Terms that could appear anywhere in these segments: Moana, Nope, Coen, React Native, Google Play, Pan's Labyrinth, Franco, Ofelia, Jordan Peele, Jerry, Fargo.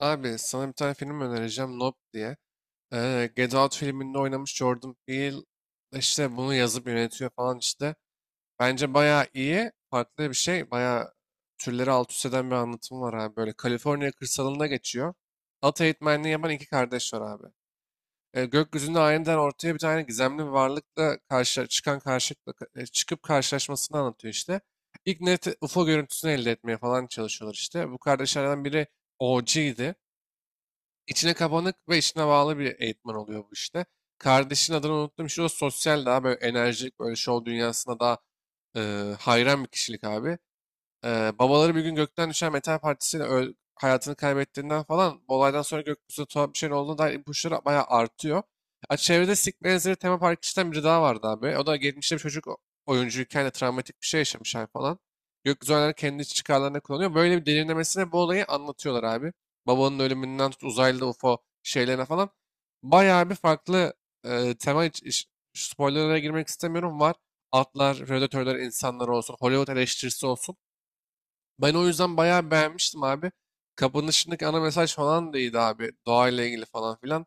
Abi sana bir tane film önereceğim Nope diye. Get Out filminde oynamış Jordan Peele işte bunu yazıp yönetiyor falan işte. Bence bayağı iyi. Farklı bir şey. Bayağı türleri alt üst eden bir anlatım var abi. Böyle Kaliforniya kırsalında geçiyor. At eğitmenliği yapan iki kardeş var abi. Gökyüzünde aniden ortaya bir tane gizemli bir varlıkla karşı, çıkan karşılıkla e, çıkıp karşılaşmasını anlatıyor işte. İlk net UFO görüntüsünü elde etmeye falan çalışıyorlar işte. Bu kardeşlerden biri OG'ydi. İçine kapanık ve içine bağlı bir eğitmen oluyor bu işte. Kardeşin adını unuttum. Şu o sosyal daha böyle enerjik, böyle şov dünyasına daha e, hayran bir kişilik abi. Babaları bir gün gökten düşen metal partisiyle hayatını kaybettiğinden falan bu olaydan sonra gökyüzünde tuhaf bir şeyin olduğuna dair ipuçları bayağı artıyor. Ha, çevrede Sick benzeri tema parkçıdan biri daha vardı abi. O da geçmişte bir çocuk oyuncuyken de travmatik bir şey yaşamış abi falan. Gökyüzü oyunları kendi iç çıkarlarına kullanıyor. Böyle bir derinlemesine bu olayı anlatıyorlar abi. Babanın ölümünden tut uzaylı UFO şeylerine falan. Bayağı bir farklı e, tema iç, iç- spoilerlara girmek istemiyorum. Var atlar, predatörler, insanlar olsun, Hollywood eleştirisi olsun. Ben o yüzden bayağı beğenmiştim abi. Kapanışındaki ana mesaj falan da iyiydi abi. Doğayla ilgili falan filan.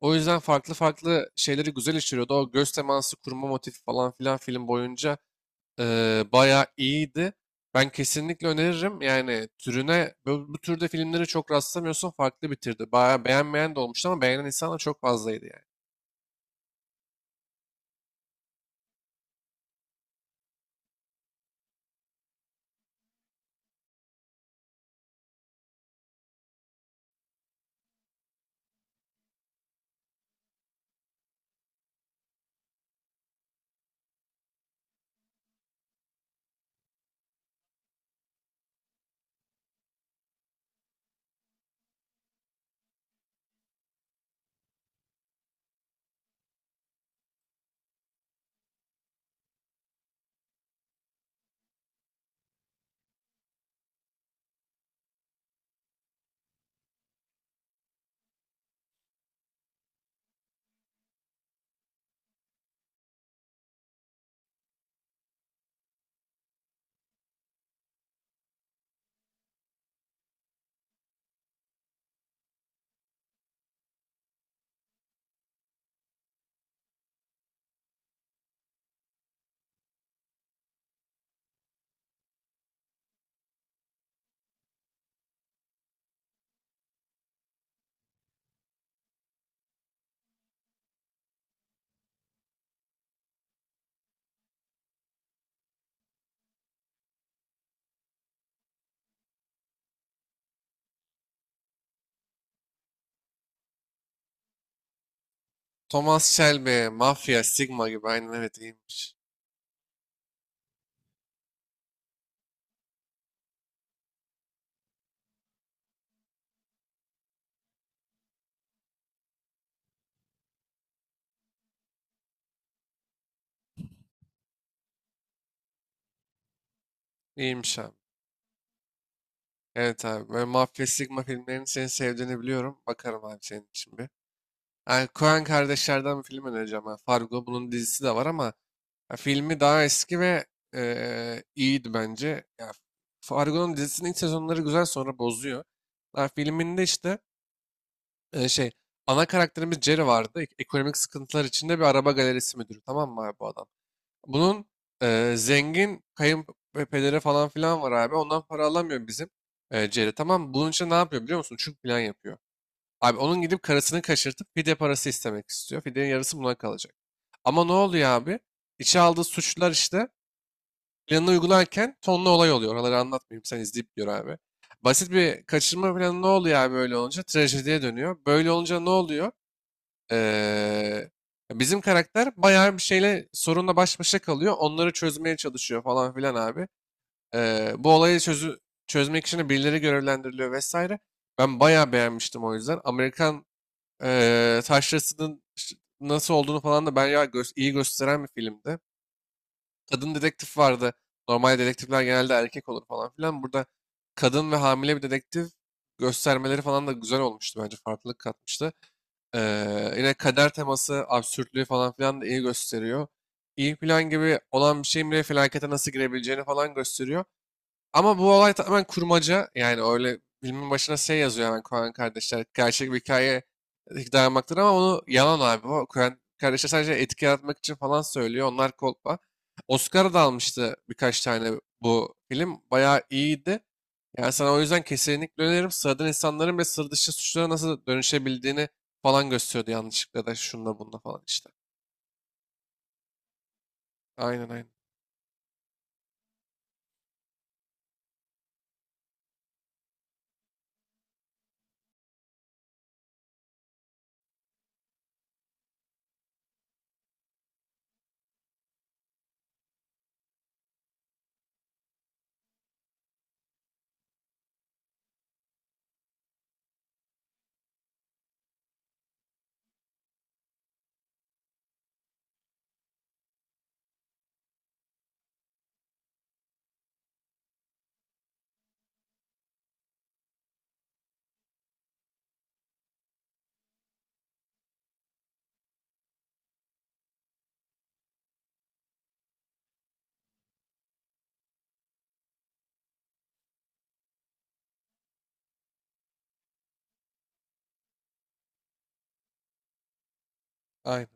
O yüzden farklı farklı şeyleri güzel işliyordu. O göz teması kurma motifi falan filan film boyunca bayağı iyiydi. Ben kesinlikle öneririm. Yani türüne bu türde filmleri çok rastlamıyorsun. Farklı bitirdi. Bayağı beğenmeyen de olmuştu ama beğenen insan da çok fazlaydı yani. Thomas Shelby, Mafya, Sigma gibi. Aynen, evet, iyiymiş. İyiymiş abi. Evet abi. Böyle Mafya, Sigma filmlerini senin sevdiğini biliyorum. Bakarım abi senin için bir. Yani Coen kardeşlerden bir film önereceğim ben. Fargo bunun dizisi de var ama ya filmi daha eski ve iyiydi bence. Ya, Fargo'nun dizisinin ilk sezonları güzel sonra bozuyor. Ya, filminde işte e, şey ana karakterimiz Jerry vardı. Ekonomik sıkıntılar içinde bir araba galerisi müdürü, tamam mı abi bu adam? Bunun zengin kayınpederi falan filan var abi. Ondan para alamıyor bizim Jerry, tamam mı? Bunun için ne yapıyor biliyor musun? Çünkü plan yapıyor. Abi onun gidip karısını kaçırtıp fidye parası istemek istiyor. Fidyenin yarısı buna kalacak. Ama ne oluyor abi? İçe aldığı suçlar işte planını uygularken tonlu olay oluyor. Oraları anlatmayayım, sen izleyip gör abi. Basit bir kaçırma planı ne oluyor abi böyle olunca? Trajediye dönüyor. Böyle olunca ne oluyor? Ee, bizim karakter bayağı bir şeyle sorunla baş başa kalıyor. Onları çözmeye çalışıyor falan filan abi. Ee, bu olayı çözü, çözmek için de birileri görevlendiriliyor vesaire. Ben bayağı beğenmiştim o yüzden. Amerikan taşrasının nasıl olduğunu falan da bayağı iyi gösteren bir filmdi. Kadın dedektif vardı. Normal dedektifler genelde erkek olur falan filan. Burada kadın ve hamile bir dedektif göstermeleri falan da güzel olmuştu bence. Farklılık katmıştı. Yine kader teması, absürtlüğü falan filan da iyi gösteriyor. İyi plan gibi olan bir şeyin bile felakete nasıl girebileceğini falan gösteriyor. Ama bu olay tamamen kurmaca. Yani öyle filmin başına şey yazıyor hemen Coen kardeşler. Gerçek bir hikaye dayanmaktır ama onu yalan abi. O Coen kardeşler sadece etki yaratmak için falan söylüyor. Onlar kolpa. Oscar da almıştı birkaç tane bu film. Bayağı iyiydi. Yani sana o yüzden kesinlikle öneririm. Sıradan insanların ve sır dışı suçlara nasıl dönüşebildiğini falan gösteriyordu yanlışlıkla da şunda bunda falan işte. Aynen, aynen. Aynen.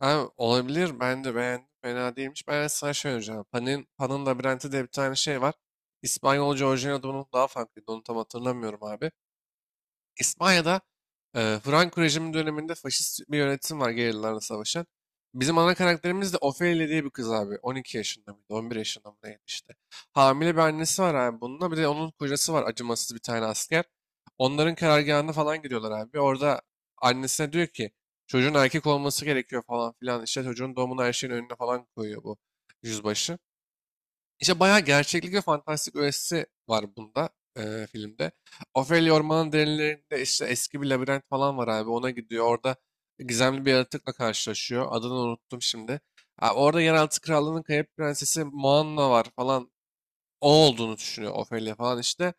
Abi olabilir. Ben de beğendim. Fena değilmiş. Ben, evet, sana şey önereceğim. Pan'ın Labirenti diye bir tane şey var. İspanyolca orijinal adını daha farklıydı. Onu tam hatırlamıyorum abi. İspanya'da Franco rejimi döneminde faşist bir yönetim var gerillalarla savaşan. Bizim ana karakterimiz de Ofelia diye bir kız abi. 12 yaşında mıydı? 11 yaşında mı neydi işte. Hamile bir annesi var abi bununla. Bir de onun kocası var, acımasız bir tane asker. Onların karargahına falan gidiyorlar abi. Orada annesine diyor ki çocuğun erkek olması gerekiyor falan filan. İşte çocuğun doğumunu her şeyin önüne falan koyuyor bu yüzbaşı. İşte bayağı gerçeklik ve fantastik öğesi var bunda filmde. Ophelia Orman'ın derinlerinde işte eski bir labirent falan var abi. Ona gidiyor. Orada gizemli bir yaratıkla karşılaşıyor. Adını unuttum şimdi. Ha, orada yeraltı krallığının kayıp prensesi Moana var falan. O olduğunu düşünüyor Ophelia falan işte.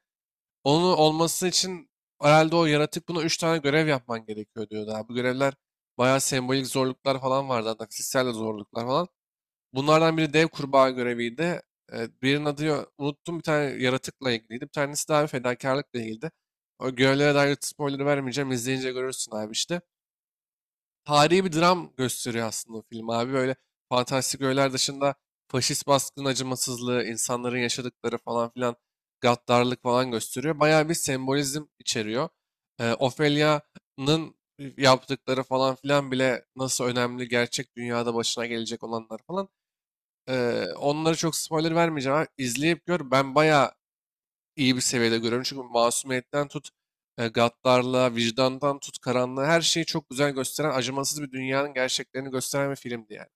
Onun olması için herhalde o yaratık buna 3 tane görev yapman gerekiyor diyordu abi. Bu görevler bayağı sembolik zorluklar falan vardı. Hatta fiziksel de zorluklar falan. Bunlardan biri dev kurbağa göreviydi. Unuttum bir tane yaratıkla ilgiliydi. Bir tanesi de abi fedakarlıkla ilgiliydi. O görevlere dair spoiler vermeyeceğim. İzleyince görürsün abi işte. Tarihi bir dram gösteriyor aslında o film abi. Böyle fantastik öğeler dışında faşist baskının acımasızlığı, insanların yaşadıkları falan filan gaddarlık falan gösteriyor. Bayağı bir sembolizm içeriyor. Ophelia'nın yaptıkları falan filan bile nasıl önemli gerçek dünyada başına gelecek olanlar falan. Onlara çok spoiler vermeyeceğim abi. İzleyip gör. Ben bayağı iyi bir seviyede görüyorum. Çünkü masumiyetten tut, gaddarlığa, vicdandan tut, karanlığa her şeyi çok güzel gösteren, acımasız bir dünyanın gerçeklerini gösteren bir filmdi yani.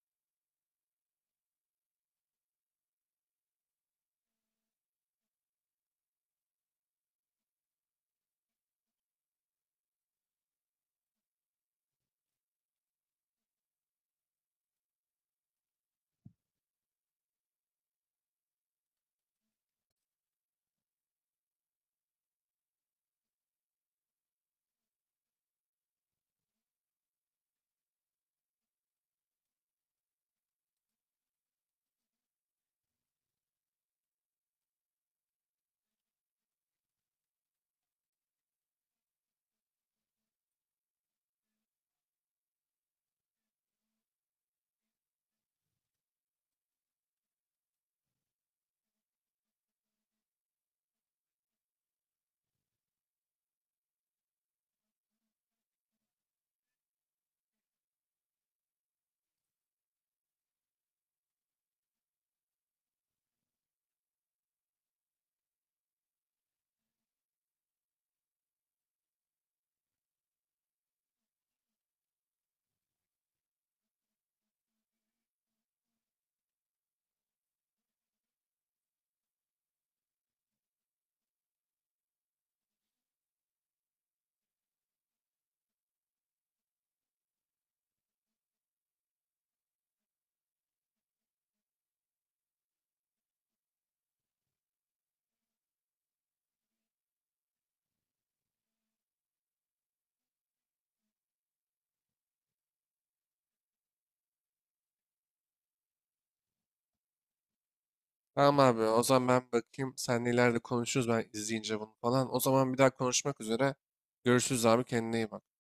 Tamam abi, o zaman ben bakayım. Seninle ileride konuşuruz ben izleyince bunu falan. O zaman bir daha konuşmak üzere. Görüşürüz abi, kendine iyi bak.